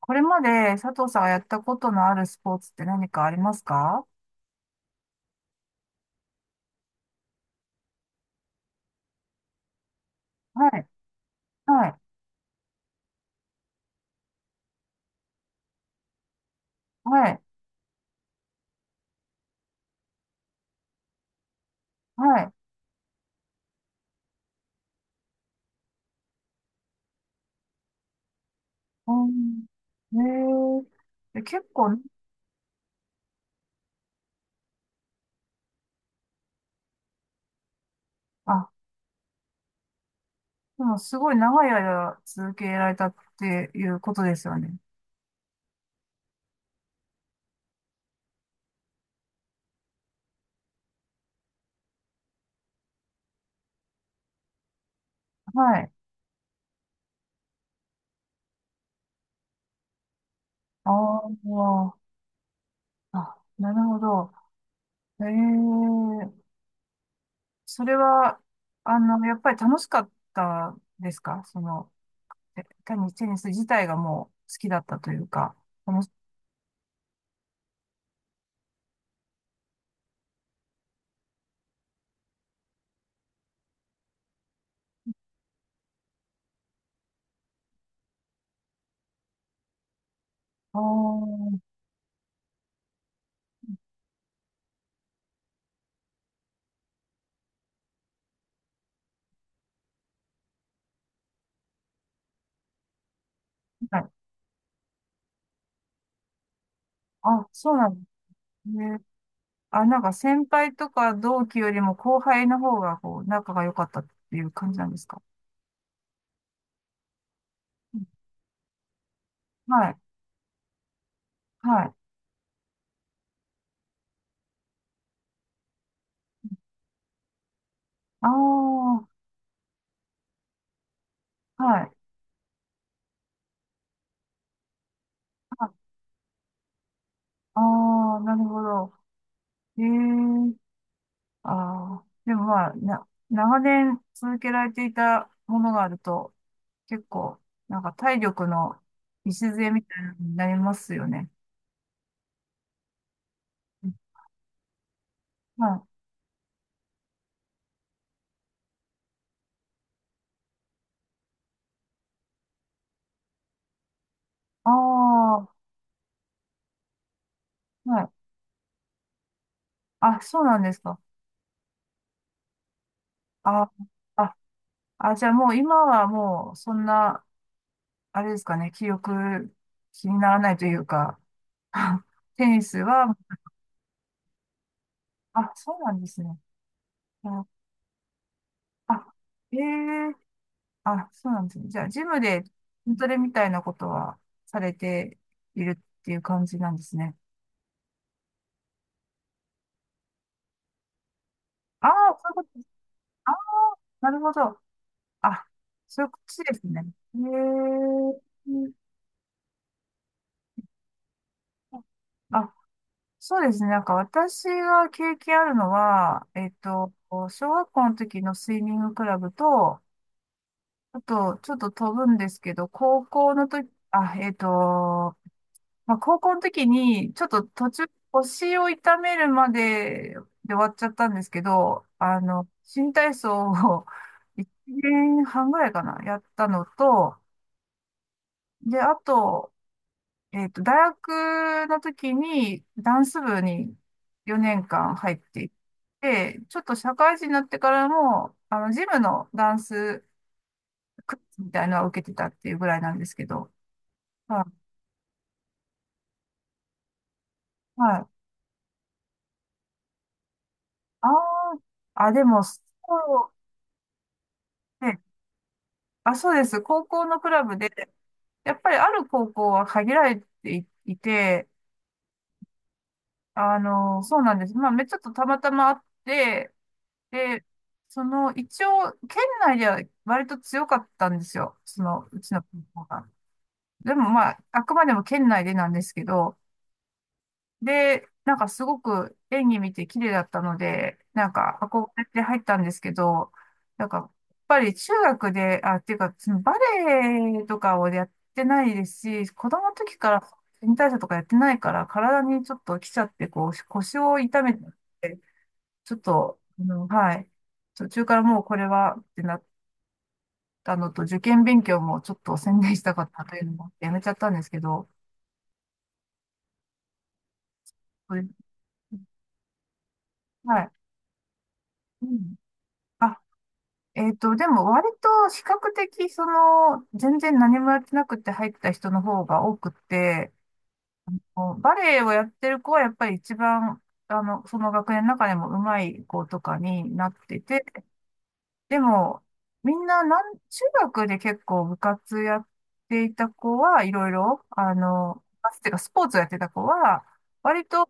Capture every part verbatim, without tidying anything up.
これまで佐藤さんがやったことのあるスポーツって何かありますか？はい、はい、はい、はい。うん、へえ、え結構、あ、でもすごい長い間続けられたっていうことですよね。はい。あー、あ、なるほど。へえ、それは、あの、やっぱり楽しかったですか？その、えテニス、テニス自体がもう好きだったというか、楽し、あー、はい。あ、そうなんですね。あ、なんか先輩とか同期よりも後輩の方がこう仲が良かったっていう感じなんですか？うん、はい。はい。ああ、はい。ああ、ー、なるほど。ええ、ああ、でもまあ、な、長年続けられていたものがあると、結構、なんか体力の礎みたいになりますよね。うん、はい。ああ、はい。あ、そうなんですか？あ、あ、あ、じゃあもう今はもうそんな、あれですかね、記憶気にならないというか、テニスは、あ、そうなんですね。あ、あ、ええ、あ、そうなんですね。じゃあジムで筋トレみたいなことはされているっていう感じなんですね。ああ、そういうことです。ああ、なるほど。あ、そういうことですね。ええ、あ、そうですね。なんか私が経験あるのは、えっと、小学校の時のスイミングクラブと、あと、ちょっと飛ぶんですけど、高校の時、あ、えっと、まあ、高校の時に、ちょっと途中、腰を痛めるまでで終わっちゃったんですけど、あの、新体操を いちねんはんぐらいかな、やったのと、で、あと、えっと、大学の時にダンス部によねんかん入っていって、ちょっと社会人になってからも、あの、ジムのダンスクラスみたいなのは受けてたっていうぐらいなんですけど、はい。はい。ああ、あ、でも、そうねあ、そうです。高校のクラブで、やっぱりある高校は限られていいて、あの、そうなんです。まあ、めちょっとたまたまあって、で、その、一応、県内では割と強かったんですよ。その、うちの高校が。でもまあ、あくまでも県内でなんですけど、で、なんかすごく演技見て綺麗だったので、なんか憧れて入ったんですけど、なんか、やっぱり中学で、あ、っていうか、そのバレエとかをやってないですし、子供の時から新体操とかやってないから、体にちょっと来ちゃって、こう、腰を痛めて、ちょっと、あの、はい。途中からもうこれはってなったのと、受験勉強もちょっと専念したかったというのもあってやめちゃったんですけど、これ、はい。うん。あ、えっと、でも割と比較的、その、全然何もやってなくて入った人の方が多くて、こうバレエをやってる子はやっぱり一番、あの、その学年の中でも上手い子とかになってて、でも、みんな、なん、中学で結構部活やっていた子はいろいろ、あの、部活っていうかスポーツをやってた子は、割と、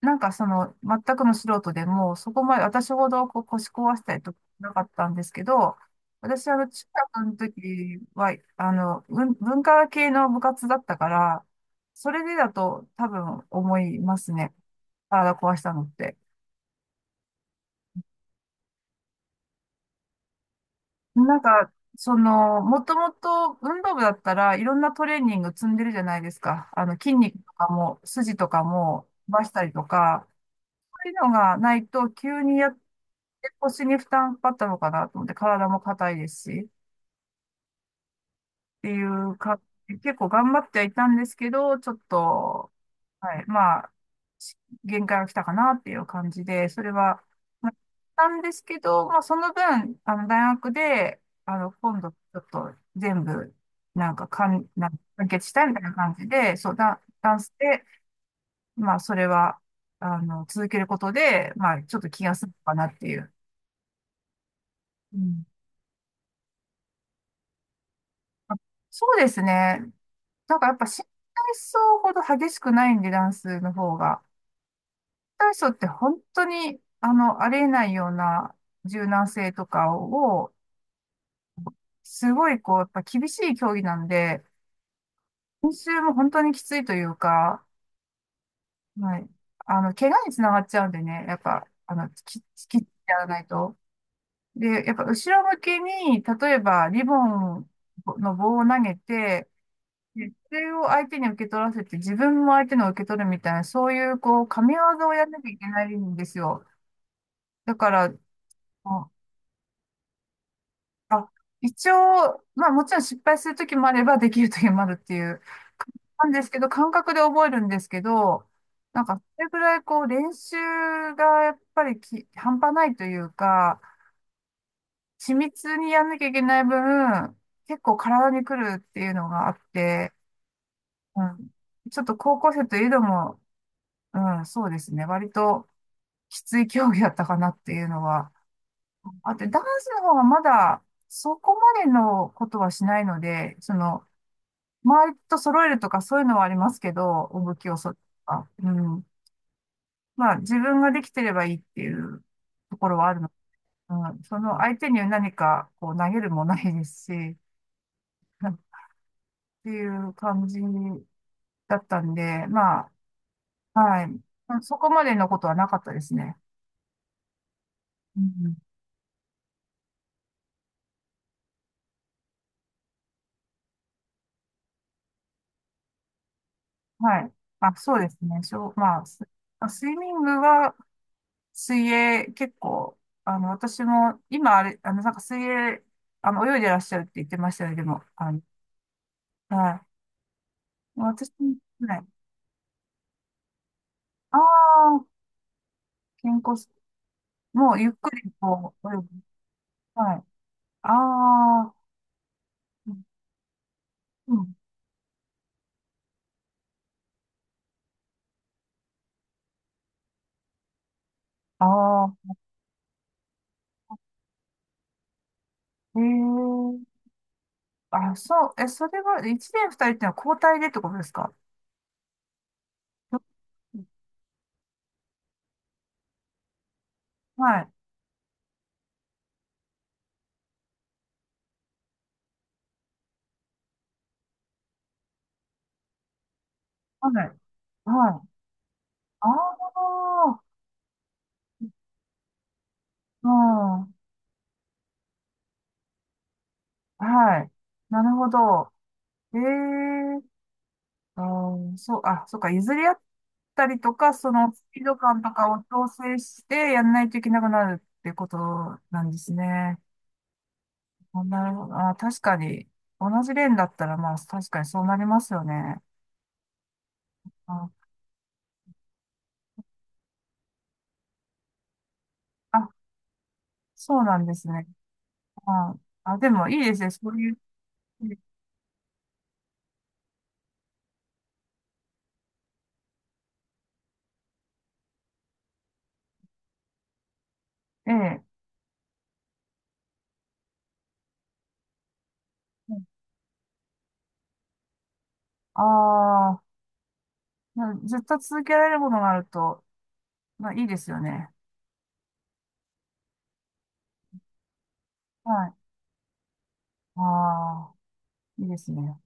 なんかその、全くの素人でも、そこまで私ほどこう腰壊したりとかなかったんですけど、私、あの、中学の時は、あの、文文化系の部活だったから、それでだと多分思いますね。体壊したのって。なんか、その、もともと運動部だったらいろんなトレーニング積んでるじゃないですか。あの、筋肉とかも、筋とかも伸ばしたりとか、そういうのがないと急にやって腰に負担かかったのかなと思って、体も硬いですし。ていうか、結構頑張ってはいたんですけど、ちょっと、はい、まあ、し限界が来たかなっていう感じで、それは、まあなんですけど、まあ、その分、あの、大学で、あの、今度、ちょっと全部、なんか、かん、なんか完結したいみたいな感じで、そう、ダ、ダンスで、まあ、それは、あの、続けることで、まあ、ちょっと気が済むかなっていう。うん、あ、そうですね。なんかやっぱ新体操ほど激しくないんで、ダンスの方が。新体操って本当に、あの、ありえないような柔軟性とかを、すごいこう、やっぱ厳しい競技なんで、練習も本当にきついというか、はい。あの、怪我につながっちゃうんでね、やっぱ、あの、き、きっちやらないと。で、やっぱ後ろ向きに、例えばリボンの棒を投げて、熱中を相手に受け取らせて、自分も相手の受け取るみたいな、そういう、こう、神業をやんなきゃいけないんですよ。だから、こう、あ、一応、まあもちろん失敗するときもあれば、できるときもあるっていう、なんですけど、感覚で覚えるんですけど、なんか、それぐらい、こう、練習がやっぱりき、半端ないというか、緻密にやんなきゃいけない分、結構体に来るっていうのがあって、うん、ちょっと高校生といえども、うん、そうですね。割ときつい競技だったかなっていうのは。あと、ダンスの方はまだそこまでのことはしないので、その、周りと揃えるとかそういうのはありますけど、お武器を揃えるとか。うん。まあ、自分ができてればいいっていうところはあるの。うん。その相手に何かこう投げるもないですし、っていう感じだったんで、まあ、はい。そこまでのことはなかったですね。うん、はい。あ、そうですね。しょう、まあ、ス、あ、スイミングは、水泳、結構、あの、私も、今、あれ、あの、なんか水泳、あの、泳いでらっしゃるって言ってましたね、でも、あの、はい。私も、はい。ああ、健康す、もう、ゆっくり、こう、泳ぐ。はい。ああ、うん。ああ、ええ、あ、そう、え、それは、いちねんふたりってのは交代でってことですか？はい。はい。はい。ああ、うん。はい。なるほど。ええ、あー、そう、あ、そうか、譲り合ったりとか、そのスピード感とかを調整してやんないといけなくなるってことなんですね。あ、なるほど。あ、確かに、同じレーンだったら、まあ、確かにそうなりますよね。あ、あ、そうなんですね。あ、あ、でもいいですね。そういう、ええ。ああ、ー、ずっと続けられるものがあると、まあ、いいですよね。はい。ああ、いいですね。